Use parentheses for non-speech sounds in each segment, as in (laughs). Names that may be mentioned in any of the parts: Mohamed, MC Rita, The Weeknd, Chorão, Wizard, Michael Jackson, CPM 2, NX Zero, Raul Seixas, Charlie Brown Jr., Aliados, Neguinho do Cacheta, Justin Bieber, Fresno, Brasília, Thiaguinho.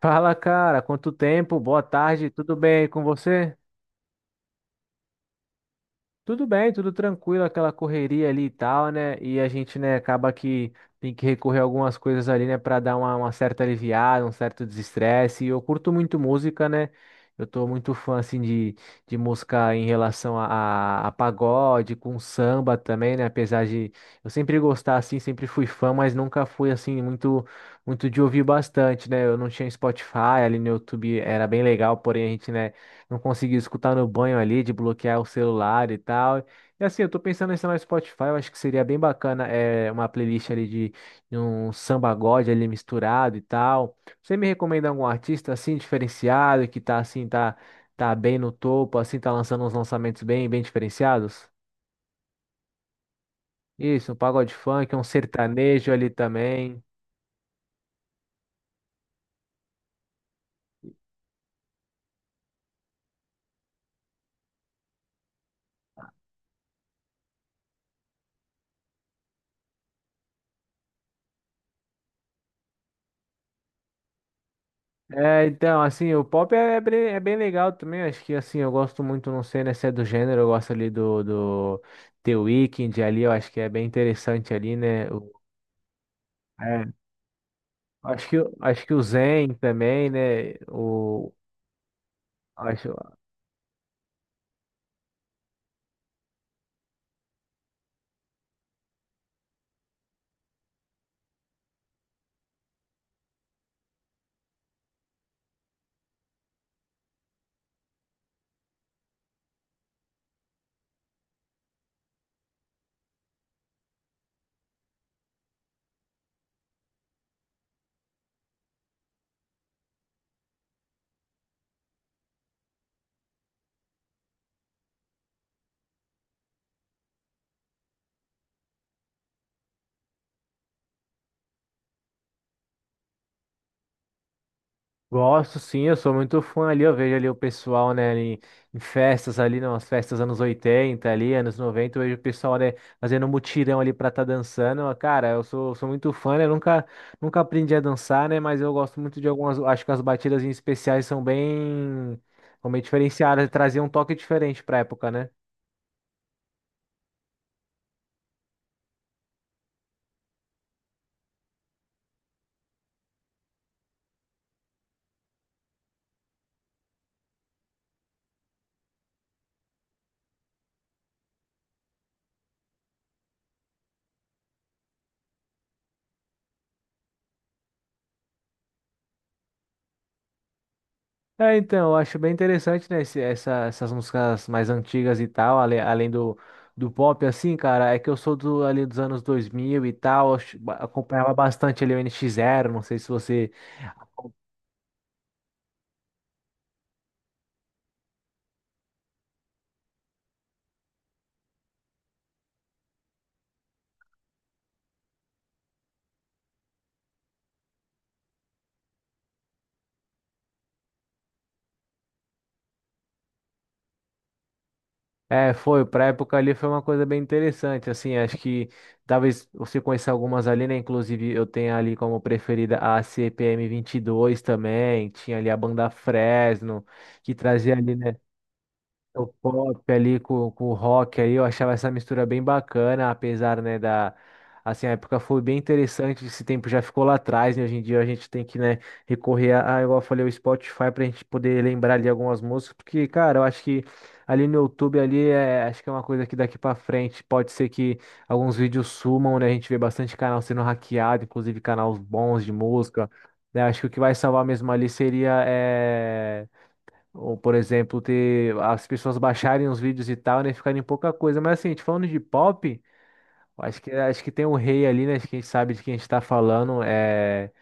Fala, cara, quanto tempo? Boa tarde, tudo bem com você? Tudo bem, tudo tranquilo, aquela correria ali e tal, né? E a gente, né, acaba que tem que recorrer a algumas coisas ali, né, para dar uma certa aliviada, um certo desestresse. E eu curto muito música, né? Eu tô muito fã, assim, de, música em relação a pagode, com samba também, né? Apesar de eu sempre gostar, assim, sempre fui fã, mas nunca fui, assim, muito, muito de ouvir bastante, né? Eu não tinha Spotify, ali no YouTube era bem legal, porém a gente, né, não conseguir escutar no banho ali, de bloquear o celular e tal. E assim, eu tô pensando em instalar no Spotify, eu acho que seria bem bacana é, uma playlist ali de, um samba god ali misturado e tal. Você me recomenda algum artista assim, diferenciado, que tá assim, tá bem no topo, assim, tá lançando uns lançamentos bem, bem diferenciados? Isso, um pagode funk, um sertanejo ali também. É, então, assim, o pop é bem legal também. Acho que, assim, eu gosto muito, não sei, né, se é do gênero, eu gosto ali do The Weeknd ali, eu acho que é bem interessante ali, né? É, acho que o Zen também, né? Acho, Gosto sim, eu sou muito fã ali, eu vejo ali o pessoal, né, ali em festas ali, nas festas anos 80 ali, anos 90 eu vejo o pessoal, né, fazendo mutirão ali pra tá dançando, cara, eu sou muito fã, né, nunca aprendi a dançar, né, mas eu gosto muito de algumas, acho que as batidas em especiais são bem diferenciadas, traziam um toque diferente pra época, né? É, então, eu acho bem interessante, né, essas músicas mais antigas e tal, além do, pop, assim, cara, é que eu sou do, ali dos anos 2000 e tal, acompanhava bastante ali o NX Zero, não sei se você... É, foi, pra época ali foi uma coisa bem interessante, assim, acho que talvez você conheça algumas ali, né, inclusive eu tenho ali como preferida a CPM dois também, tinha ali a banda Fresno, que trazia ali, né, o pop ali com, o rock aí, eu achava essa mistura bem bacana, apesar, né, da... Assim, a época foi bem interessante, esse tempo já ficou lá atrás, né? Hoje em dia a gente tem que, né, recorrer a, igual eu falei, o Spotify pra gente poder lembrar ali algumas músicas, porque, cara, eu acho que ali no YouTube ali, é, acho que é uma coisa que daqui pra frente pode ser que alguns vídeos sumam, né? A gente vê bastante canal sendo hackeado, inclusive canais bons de música, né? Acho que o que vai salvar mesmo ali seria, ou, por exemplo, ter as pessoas baixarem os vídeos e tal, né? Ficarem pouca coisa. Mas assim, a gente falando de pop, eu acho que, tem um rei ali, né? Acho que a gente sabe de quem a gente tá falando. É.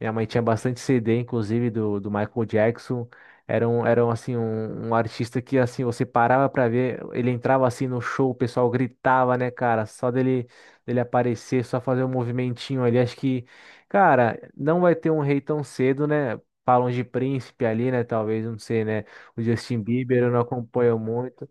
Minha mãe tinha bastante CD, inclusive, do Michael Jackson. Era um, assim, um artista que, assim, você parava pra ver, ele entrava, assim, no show, o pessoal gritava, né, cara? Só dele aparecer, só fazer um movimentinho ali. Acho que, cara, não vai ter um rei tão cedo, né? Falam de príncipe ali, né? Talvez, não sei, né? O Justin Bieber eu não acompanho muito.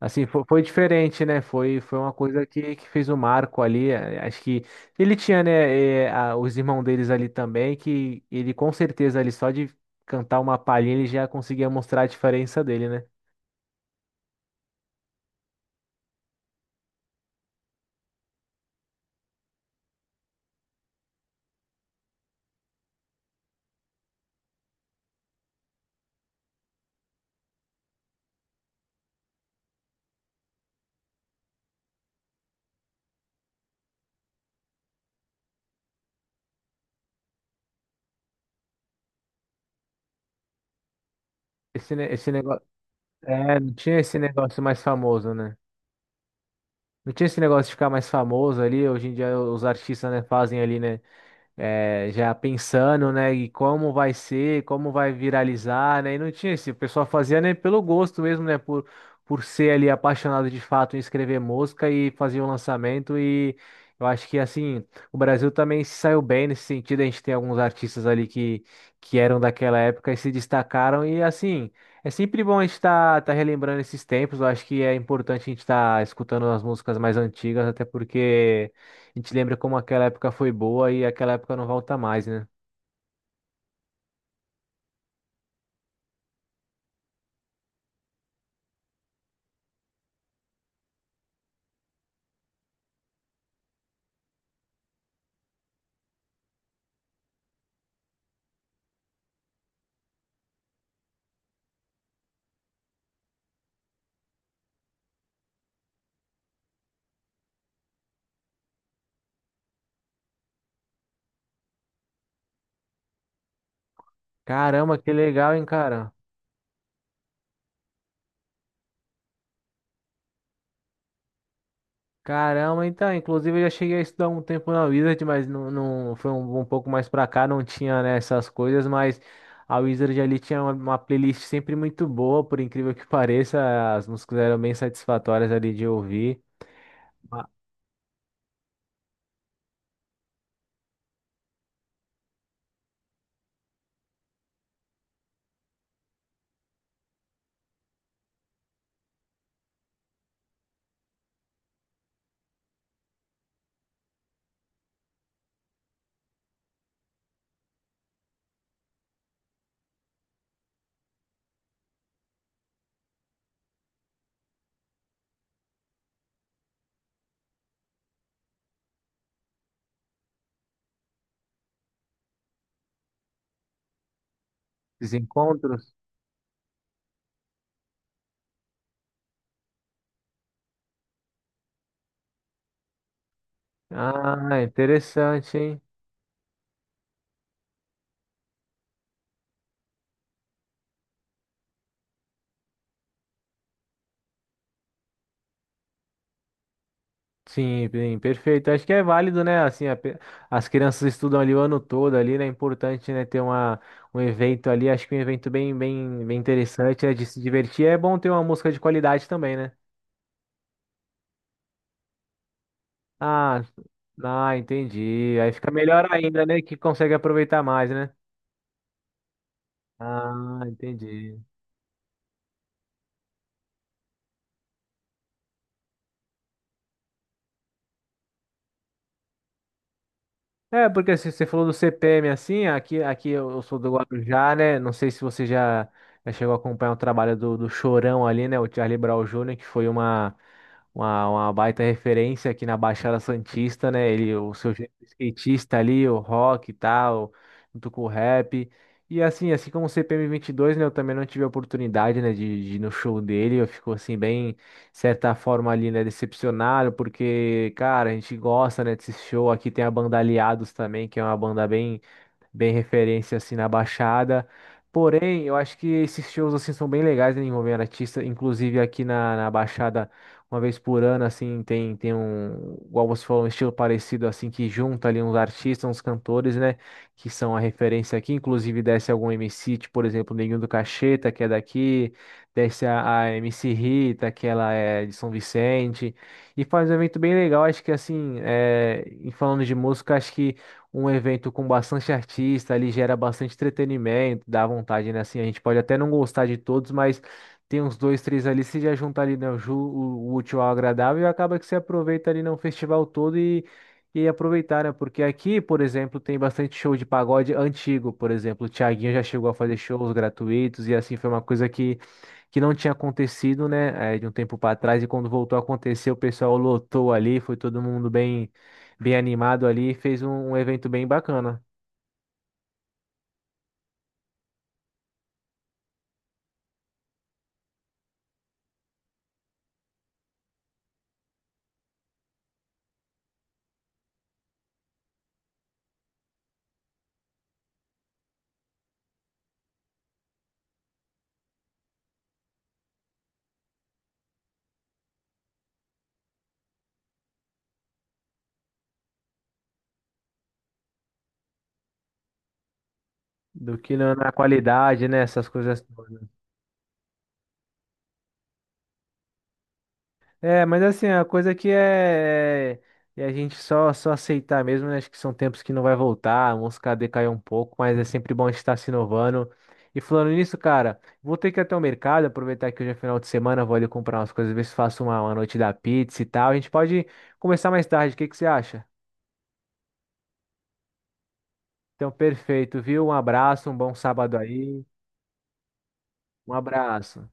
Assim, foi, diferente, né? Foi uma coisa que fez o marco ali. Acho que ele tinha, né, os irmãos deles ali também, que ele com certeza ali só de cantar uma palhinha ele já conseguia mostrar a diferença dele, né? Esse negócio. É, não tinha esse negócio mais famoso, né? Não tinha esse negócio de ficar mais famoso ali. Hoje em dia os artistas, né, fazem ali, né, já pensando, né, e como vai ser, como vai viralizar, né, e não tinha esse, o pessoal fazia, né, pelo gosto mesmo, né, por ser ali apaixonado de fato em escrever música e fazer um lançamento e eu acho que, assim, o Brasil também se saiu bem nesse sentido, a gente tem alguns artistas ali que, eram daquela época e se destacaram e, assim... É sempre bom a gente estar relembrando esses tempos. Eu acho que é importante a gente estar escutando as músicas mais antigas, até porque a gente lembra como aquela época foi boa e aquela época não volta mais, né? Caramba, que legal, hein, cara? Caramba, então, inclusive eu já cheguei a estudar um tempo na Wizard, mas não, não foi um, pouco mais pra cá, não tinha, né, essas coisas, mas a Wizard ali tinha uma playlist sempre muito boa, por incrível que (laughs) pareça, as músicas eram bem satisfatórias ali de ouvir. Ah, os encontros. Ah, interessante, hein? Sim, bem, perfeito. Acho que é válido, né? Assim, as crianças estudam ali o ano todo ali, né? É importante, né, ter um evento ali. Acho que um evento bem, bem, bem interessante, né? De se divertir. É bom ter uma música de qualidade também, né? Ah, ah, entendi. Aí fica melhor ainda, né? Que consegue aproveitar mais, né? Ah, entendi. É, porque se você falou do CPM assim, aqui eu sou do Guarujá, né? Não sei se você já chegou a acompanhar o trabalho do, Chorão ali, né? O Charlie Brown Jr., que foi uma baita referência aqui na Baixada Santista, né? Ele, o seu jeito de skatista ali, o rock e tal, junto com o rap. E assim, assim como o CPM dois, né? Eu também não tive a oportunidade, né, de ir no show dele. Eu fico assim, bem certa forma ali, né, decepcionado, porque, cara, a gente gosta, né, desse show. Aqui tem a banda Aliados também, que é uma banda bem, bem referência assim na Baixada. Porém, eu acho que esses shows assim são bem legais, né, envolvendo artista, inclusive aqui na, Baixada, uma vez por ano assim, tem um, igual você falou, um estilo parecido assim que junta ali uns artistas, uns cantores, né, que são a referência aqui, inclusive desce algum MC, tipo, por exemplo, o Neguinho do Cacheta, que é daqui, desce a MC Rita, que ela é de São Vicente, e faz um evento bem legal, acho que assim, é, e falando de música, acho que um evento com bastante artista, ali gera bastante entretenimento, dá vontade, né? Assim, a gente pode até não gostar de todos, mas tem uns dois, três ali, se já junta ali, né, o útil ao agradável e acaba que você aproveita ali, né, o festival todo. E aproveitar, né? Porque aqui, por exemplo, tem bastante show de pagode antigo, por exemplo. O Thiaguinho já chegou a fazer shows gratuitos e assim foi uma coisa que não tinha acontecido, né? De um tempo para trás e quando voltou a acontecer, o pessoal lotou ali, foi todo mundo bem bem animado ali, fez um evento bem bacana. Do que na qualidade, né? Essas coisas todas. É, mas assim, a coisa que é a gente só aceitar mesmo, né? Acho que são tempos que não vai voltar, a música decaiu um pouco, mas é sempre bom estar se inovando. E falando nisso, cara, vou ter que ir até o mercado, aproveitar que hoje é final de semana, vou ali comprar umas coisas, ver se faço uma noite da pizza e tal. A gente pode começar mais tarde, o que que você acha? Então, perfeito, viu? Um abraço, um bom sábado aí. Um abraço.